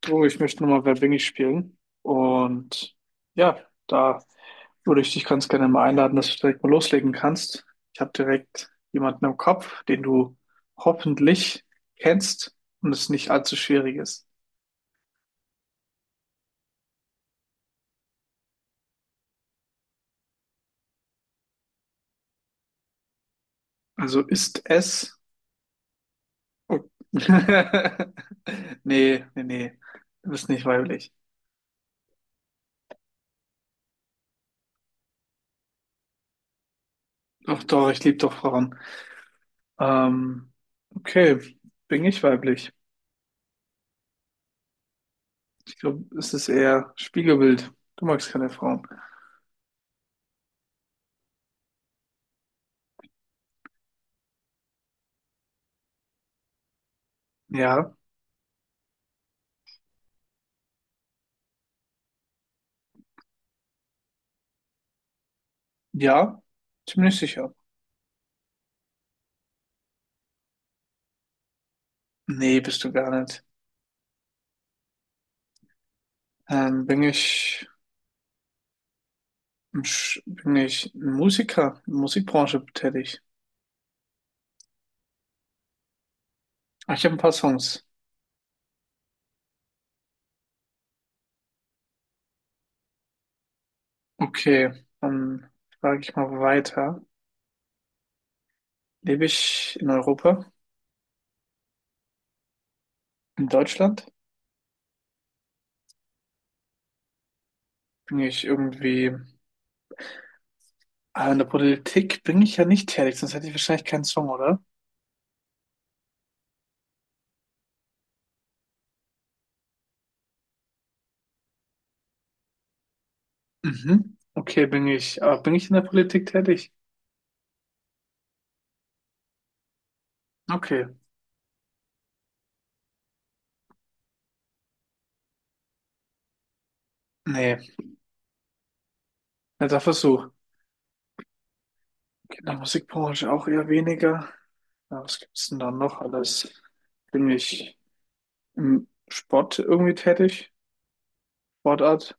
Du, ich möchte nochmal Wer bin ich spielen. Und ja, da würde ich dich ganz gerne mal einladen, dass du direkt mal loslegen kannst. Ich habe direkt jemanden im Kopf, den du hoffentlich kennst und es nicht allzu schwierig ist. Also ist es. Oh. Nee, nee, nee. Du bist nicht weiblich. Doch, doch, ich liebe doch Frauen. Ähm, okay, bin ich weiblich? Ich glaube, es ist eher Spiegelbild. Du magst keine Frauen. Ja. Ja, ziemlich sicher. Nee, bist du gar nicht. Ähm, bin ich, Bin ich ein Musiker, in der Musikbranche tätig? Ah, ich habe ein paar Songs. Okay, dann frage ich mal weiter. Lebe ich in Europa, in Deutschland? Bin ich irgendwie, ah, in der Politik bin ich ja nicht tätig, sonst hätte ich wahrscheinlich keinen Song, oder? Mhm. Okay, bin ich in der Politik tätig? Okay, nee, netter Versuch. In der Musikbranche auch eher weniger. Ja, was gibt's denn da noch alles? Bin ich im Sport irgendwie tätig? Sportart?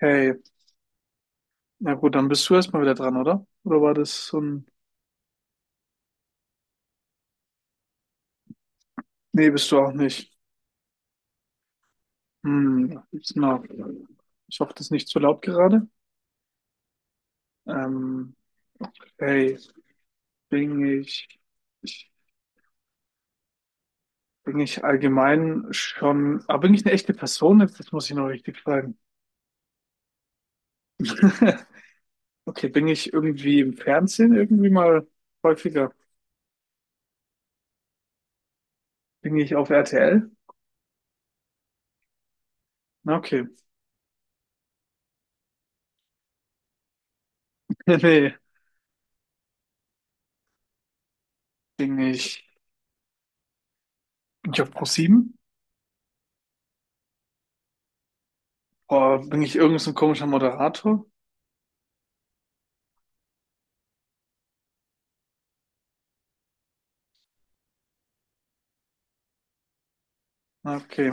Okay. Na gut, dann bist du erstmal wieder dran, oder? Oder war das so ein... Nee, bist du auch nicht. Hm, was gibt's denn noch? Ich hoffe, das ist nicht zu laut gerade. Ähm, hey, bin ich, ich... Bin ich allgemein schon... Aber bin ich eine echte Person? Jetzt, das muss ich noch richtig fragen. Okay, bin ich irgendwie im Fernsehen irgendwie mal häufiger? Bin ich auf RTL? Na, okay. Nee, nee. Bin ich, bin ich auf ProSieben? Sieben? Oder bin ich irgend so ein komischer Moderator? Na, okay.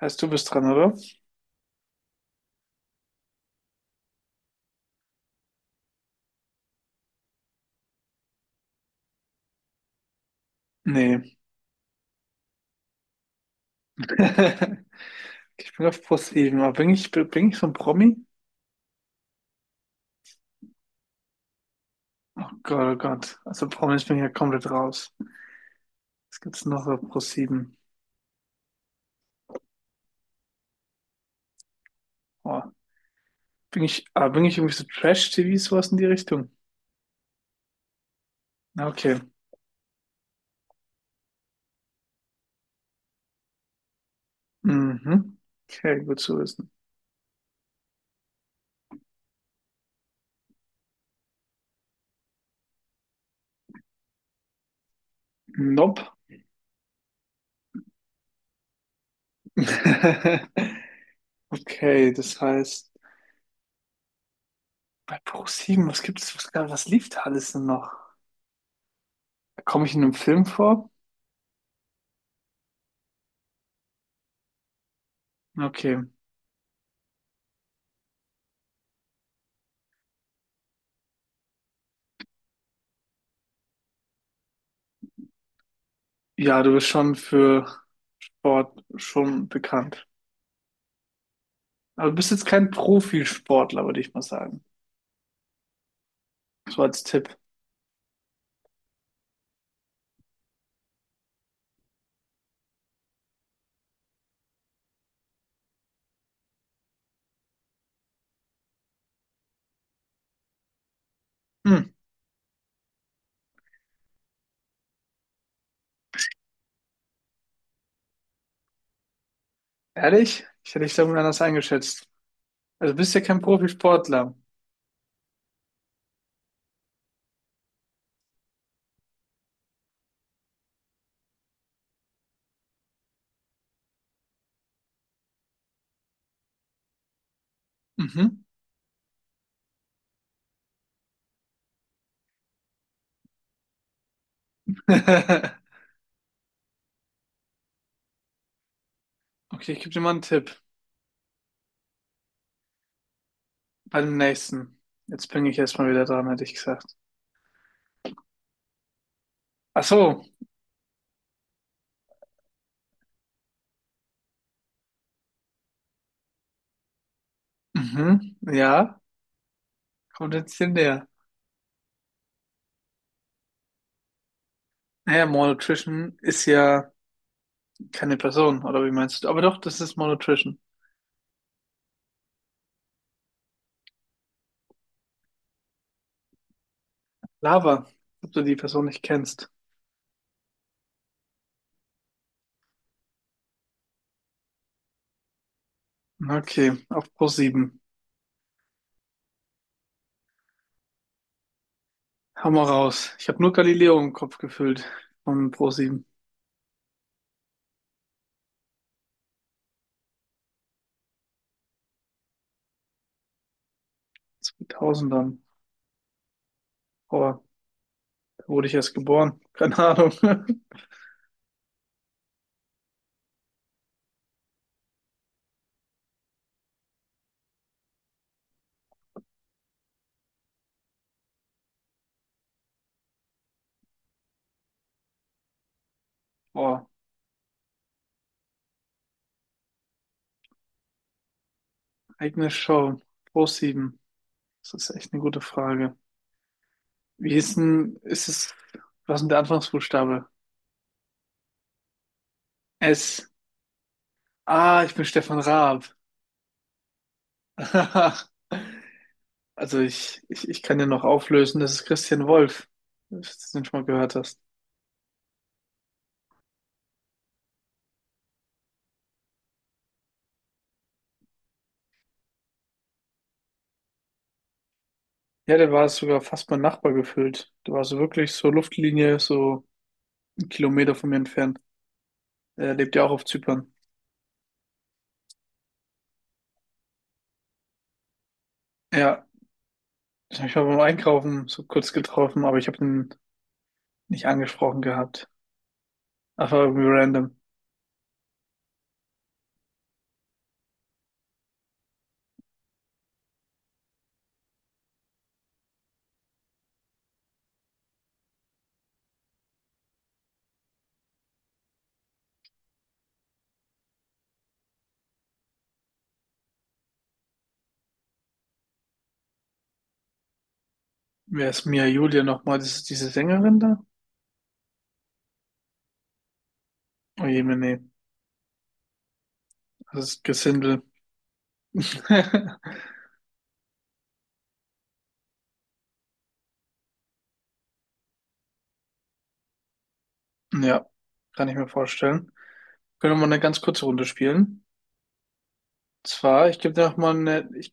Heißt, du bist dran, oder? Nee. Ich bin auf ProSieben. Sieben. Aber bin ich so ein Promi? Oh Gott, oh Gott. Also Promis bin ich ja komplett raus. Was gibt's noch auf ProSieben? Oh. Bin ich irgendwie so Trash-TV, sowas in die Richtung? Na, okay. Mhm. Okay, gut zu wissen. Nope. Okay, das heißt, bei ProSieben, was gibt's, was, gab- was lief da alles denn noch? Komme ich in einem Film vor? Okay. Ja, du bist schon für Sport schon bekannt. Aber du bist jetzt kein Profisportler, würde ich mal sagen. So als Tipp. Hm, ehrlich? Ich hätte dich da anders eingeschätzt. Also du bist ja kein Profisportler. Mhm. Okay, ich gebe dir mal einen Tipp. Bei dem nächsten. Jetzt bin ich erstmal wieder dran, hätte ich gesagt. Ach so. Mhm. Ja, kommt jetzt hier näher. Naja, Malnutrition ist ja keine Person, oder wie meinst du? Aber doch, das ist Malnutrition. Lava, ob du die Person nicht kennst. Okay, auf ProSieben. Hau mal raus. Ich habe nur Galileo im Kopf gefüllt von ProSieben. 2000ern. Boah, da wurde ich erst geboren. Keine Ahnung. Boah, eigene Show. ProSieben. Das ist echt eine gute Frage. Wie ist denn, ist es, was ist denn der Anfangsbuchstabe? S. Ah, ich bin Stefan Raab. Also ich kann dir noch auflösen, das ist Christian Wolf, falls du das nicht schon mal gehört hast. Ja, der war sogar fast mein Nachbar gefühlt. Der war so wirklich so Luftlinie, so einen Kilometer von mir entfernt. Er lebt ja auch auf Zypern. Ja, ich habe ich mal beim Einkaufen so kurz getroffen, aber ich habe ihn nicht angesprochen gehabt. Einfach irgendwie random. Wer ist Mia Julia nochmal? Das ist diese Sängerin da? Oh je, nee, nee. Das ist Gesindel. Ja, kann ich mir vorstellen. Können wir mal eine ganz kurze Runde spielen? Zwar,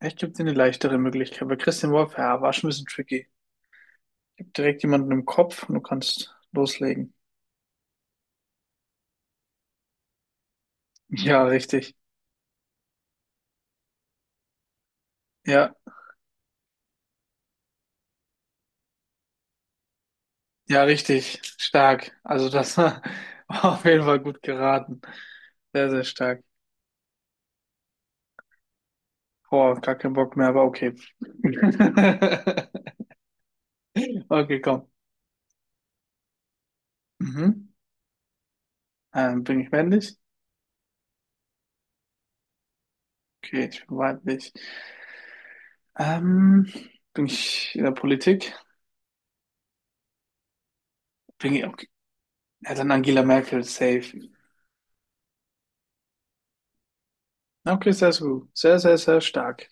ich gebe dir eine leichtere Möglichkeit, weil Christian Wolf, ja, war schon ein bisschen tricky. Ich habe direkt jemanden im Kopf und du kannst loslegen. Ja, richtig. Ja, ja, richtig. Stark. Also das war auf jeden Fall gut geraten. Sehr, sehr stark. Boah, gar keinen Bock mehr, aber okay. Okay, komm. Mhm. Bin ich männlich? Okay, ich bin weiblich. Ähm, bin ich in der Politik? Bin ich, okay. Ja, dann Angela Merkel, safe. Okay, sehr, sehr gut. Sehr, sehr, sehr stark.